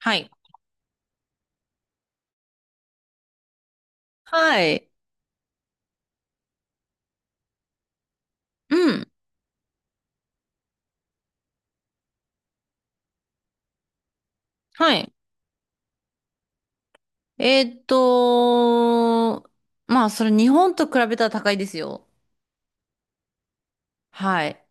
はい。はい。うん。はい。えーっと、まあ、それ日本と比べたら高いですよ。はい。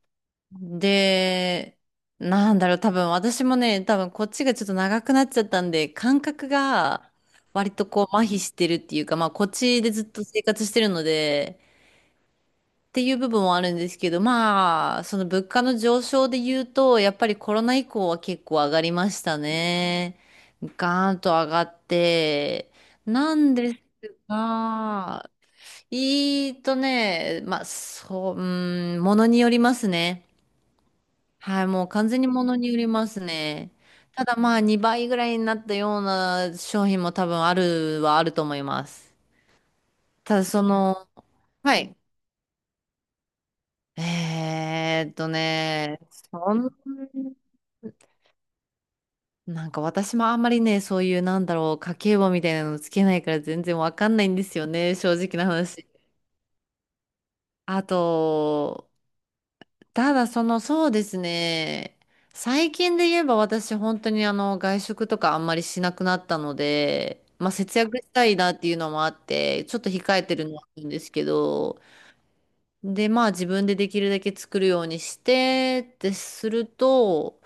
で、なんだろう、多分私もね、多分こっちがちょっと長くなっちゃったんで、感覚が割とこう麻痺してるっていうか、まあ、こっちでずっと生活してるので、っていう部分はあるんですけど、まあ、その物価の上昇で言うと、やっぱりコロナ以降は結構上がりましたね。ガーンと上がって、なんですが、いいとね、まあ、そう、うん、ものによりますね。はい、もう完全にものによりますね。ただまあ、2倍ぐらいになったような商品も多分あるはあると思います。ただその、はい。えーっとね、そん、なんか私もあんまりね、そういうなんだろう、家計簿みたいなのつけないから全然わかんないんですよね、正直な話。あと、ただその、そうですね、最近で言えば私本当にあの、外食とかあんまりしなくなったので、まあ節約したいなっていうのもあって、ちょっと控えてるのはあるんですけど、で、まあ自分でできるだけ作るようにして、ってすると、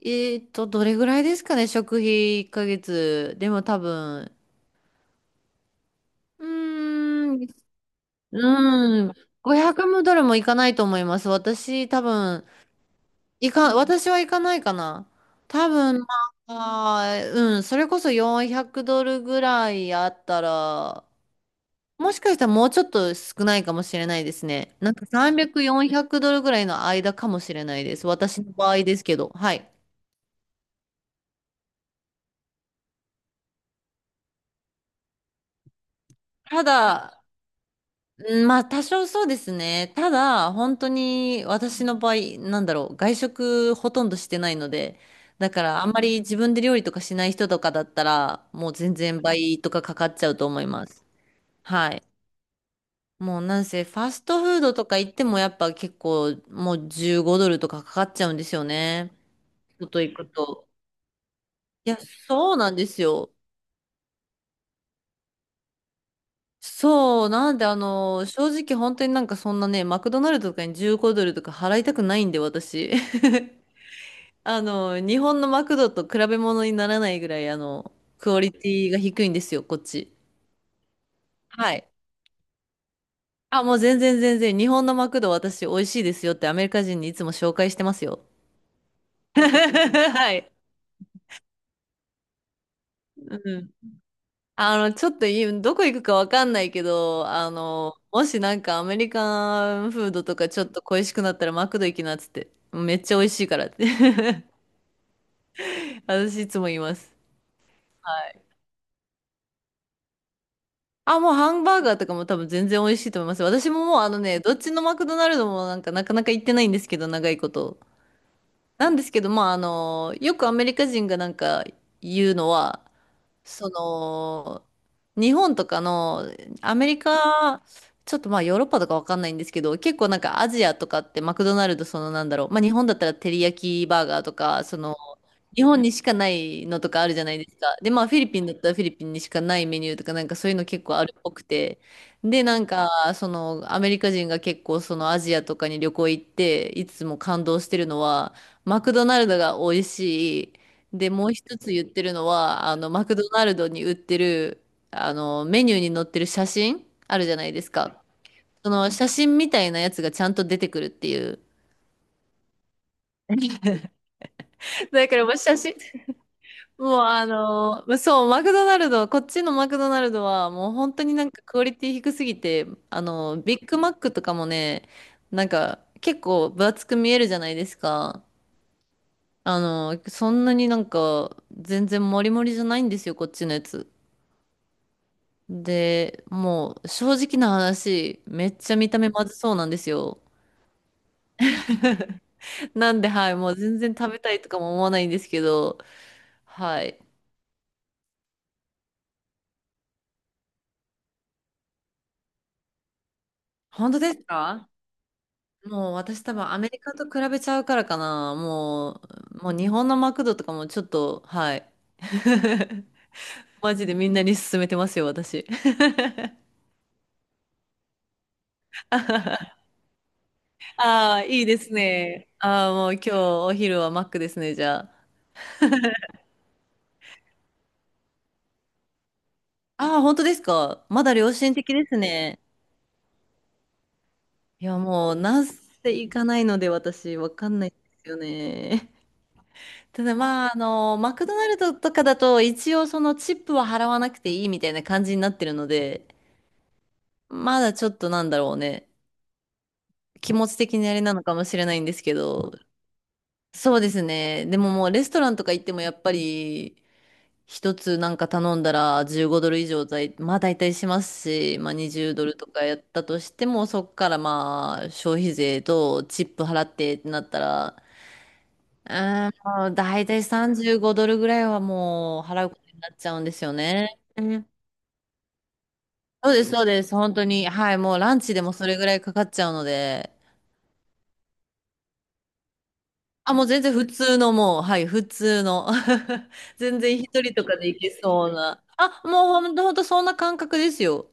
どれぐらいですかね、食費1ヶ月。でも多分、うーん、うーん、500ドルもいかないと思います。私、多分、私はいかないかな。多分、まあ、うん、それこそ400ドルぐらいあったら、もしかしたらもうちょっと少ないかもしれないですね。なんか300、400ドルぐらいの間かもしれないです。私の場合ですけど。はい。ただ、うんまあ多少そうですね。ただ、本当に私の場合、なんだろう、外食ほとんどしてないので、だからあんまり自分で料理とかしない人とかだったら、もう全然倍とかかかっちゃうと思います。はい。もうなんせ、ファストフードとか行ってもやっぱ結構もう15ドルとかかかっちゃうんですよね。外行くと。いや、そうなんですよ。そう、なんであの、正直本当になんかそんなね、マクドナルドとかに15ドルとか払いたくないんで、私。あの、日本のマクドと比べ物にならないぐらい、あの、クオリティが低いんですよ、こっち。はい。あ、もう全然全然、日本のマクド私美味しいですよってアメリカ人にいつも紹介してますよ。はい。うん。あの、ちょっといい、どこ行くかわかんないけど、あの、もしなんかアメリカンフードとかちょっと恋しくなったらマクド行きなっつって、めっちゃ美味しいからって 私いつも言います。あ、もうハンバーガーとかも多分全然美味しいと思います。私ももうあのね、どっちのマクドナルドもなんかなかなか行ってないんですけど、長いこと。なんですけど、まああの、よくアメリカ人がなんか言うのは、その、日本とかの、アメリカ、ちょっとまあヨーロッパとかわかんないんですけど、結構なんかアジアとかってマクドナルドそのなんだろう、まあ日本だったらテリヤキバーガーとか、その、日本にしかないのとかあるじゃないですか。で、まあフィリピンだったらフィリピンにしかないメニューとかなんかそういうの結構あるっぽくて。で、なんかそのアメリカ人が結構そのアジアとかに旅行行っていつも感動してるのはマクドナルドが美味しい。で、もう一つ言ってるのはあのマクドナルドに売ってるあのメニューに載ってる写真あるじゃないですか。その写真みたいなやつがちゃんと出てくるっていう。だからもう写真もうあのーそう、マクドナルド、こっちのマクドナルドはもう本当になんかクオリティ低すぎて、あのー、ビッグマックとかもね、なんか結構分厚く見えるじゃないですか。あのーそんなになんか全然モリモリじゃないんですよ、こっちのやつ。で、もう正直な話、めっちゃ見た目まずそうなんですよ。なんで、はい、もう全然食べたいとかも思わないんですけど、はい。本当ですか？もう私多分アメリカと比べちゃうからかな。もう日本のマクドとかもちょっと、はい。マジでみんなに勧めてますよ、私。ああ、いいですね。ああ、もう今日お昼はマックですね、じゃあ。ああ、本当ですか。まだ良心的ですね。いや、もう、なんせ行かないので私、わかんないんですよね。ただまあ、あの、マクドナルドとかだと、一応そのチップは払わなくていいみたいな感じになってるので、まだちょっとなんだろうね。気持ち的にあれなのかもしれないんですけど。そうですね。でももうレストランとか行ってもやっぱり一つなんか頼んだら15ドル以上だい、まあ大体しますし、まあ20ドルとかやったとしてもそっからまあ消費税とチップ払ってってなったら、うーん、もう大体35ドルぐらいはもう払うことになっちゃうんですよね。うんそうです、そうです。本当に。はい、もうランチでもそれぐらいかかっちゃうので。あ、もう全然普通のもう、はい、普通の。全然一人とかで行けそうな。あ、もうほんと、ほんとそんな感覚ですよ。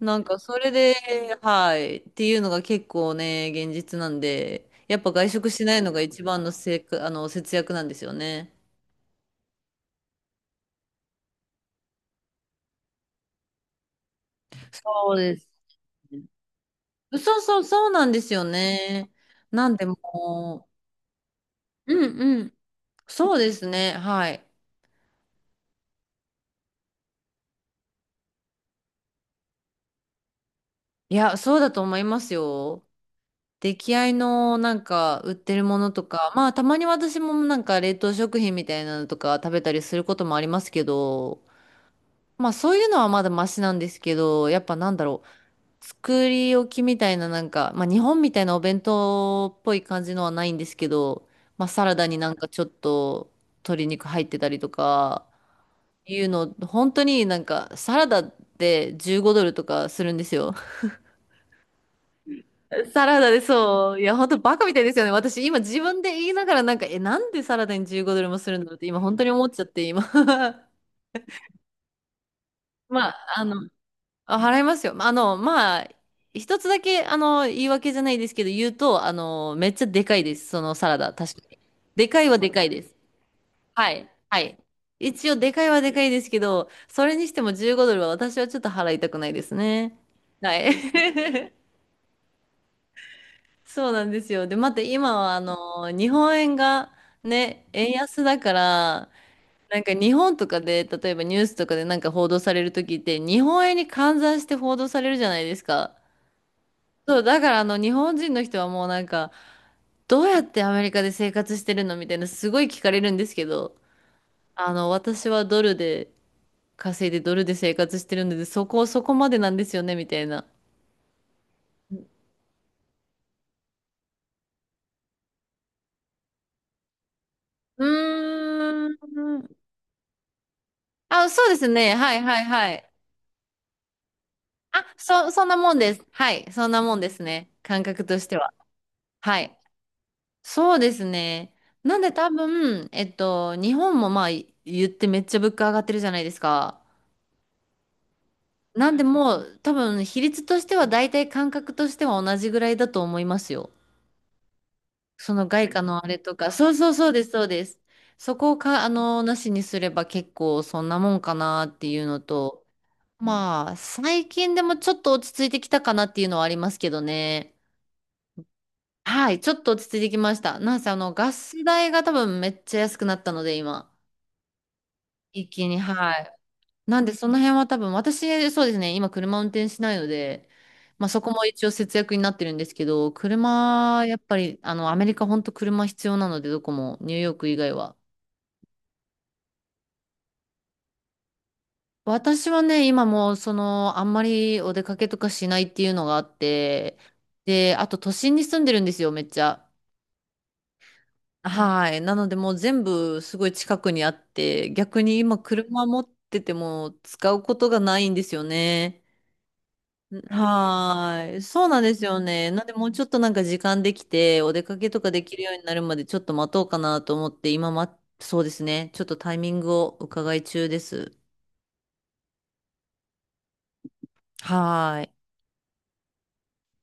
なんかそれで、はい、っていうのが結構ね、現実なんで、やっぱ外食しないのが一番のあの、節約なんですよね。そうです。そうそう、そうなんですよね。なんでもう、うんうん。そうですね、はい。いや、そうだと思いますよ。出来合いのなんか売ってるものとか、まあたまに私もなんか冷凍食品みたいなのとか食べたりすることもありますけど、まあそういうのはまだマシなんですけど、やっぱなんだろう、作り置きみたいななんか、まあ日本みたいなお弁当っぽい感じのはないんですけど、まあサラダになんかちょっと鶏肉入ってたりとか、いうの、本当になんかサラダって15ドルとかするんですよ。サラダでそう。いや、本当バカみたいですよね。私、今自分で言いながら、なんか、え、なんでサラダに15ドルもするんだろうって、今、本当に思っちゃって、今。まあ、あの、あ払いますよ。あの、まあ、一つだけ、あの、言い訳じゃないですけど、言うと、あの、めっちゃでかいです。そのサラダ、確かに。でかいはでかいです。はい。はい。一応、でかいはでかいですけど、それにしても15ドルは私はちょっと払いたくないですね。はい。そうなんですよ。で、また今はあの日本円がね、円安だから、なんか日本とかで、例えばニュースとかでなんか報道される時って、日本円に換算して報道されるじゃないですか。そう、だからあの日本人の人はもうなんか、どうやってアメリカで生活してるのみたいな、すごい聞かれるんですけど、あの、私はドルで稼いでドルで生活してるので、そこ、そこまでなんですよね、みたいな。うーん。あ、そうですね。はいはいはい。あ、そんなもんです。はい。そんなもんですね。感覚としては。はい。そうですね。なんで多分、えっと、日本もまあい言ってめっちゃ物価上がってるじゃないですか。なんでもう多分比率としては大体感覚としては同じぐらいだと思いますよ。その外貨のあれとか。そうそうそうです、そうです。そこをか、あの、なしにすれば結構そんなもんかなっていうのと、まあ、最近でもちょっと落ち着いてきたかなっていうのはありますけどね。はい、ちょっと落ち着いてきました。なんせあの、ガス代が多分めっちゃ安くなったので、今。一気に、はい。なんで、その辺は多分、私、そうですね、今車運転しないので、まあそこも一応節約になってるんですけど、車、やっぱり、あの、アメリカ本当車必要なので、どこも、ニューヨーク以外は。私はね、今もう、その、あんまりお出かけとかしないっていうのがあって、で、あと都心に住んでるんですよ、めっちゃ。はい。なのでもう全部すごい近くにあって、逆に今車持ってても使うことがないんですよね。はーい。そうなんですよね。なんでもうちょっとなんか時間できて、お出かけとかできるようになるまでちょっと待とうかなと思って、今ま、そうですね。ちょっとタイミングを伺い中です。はーい。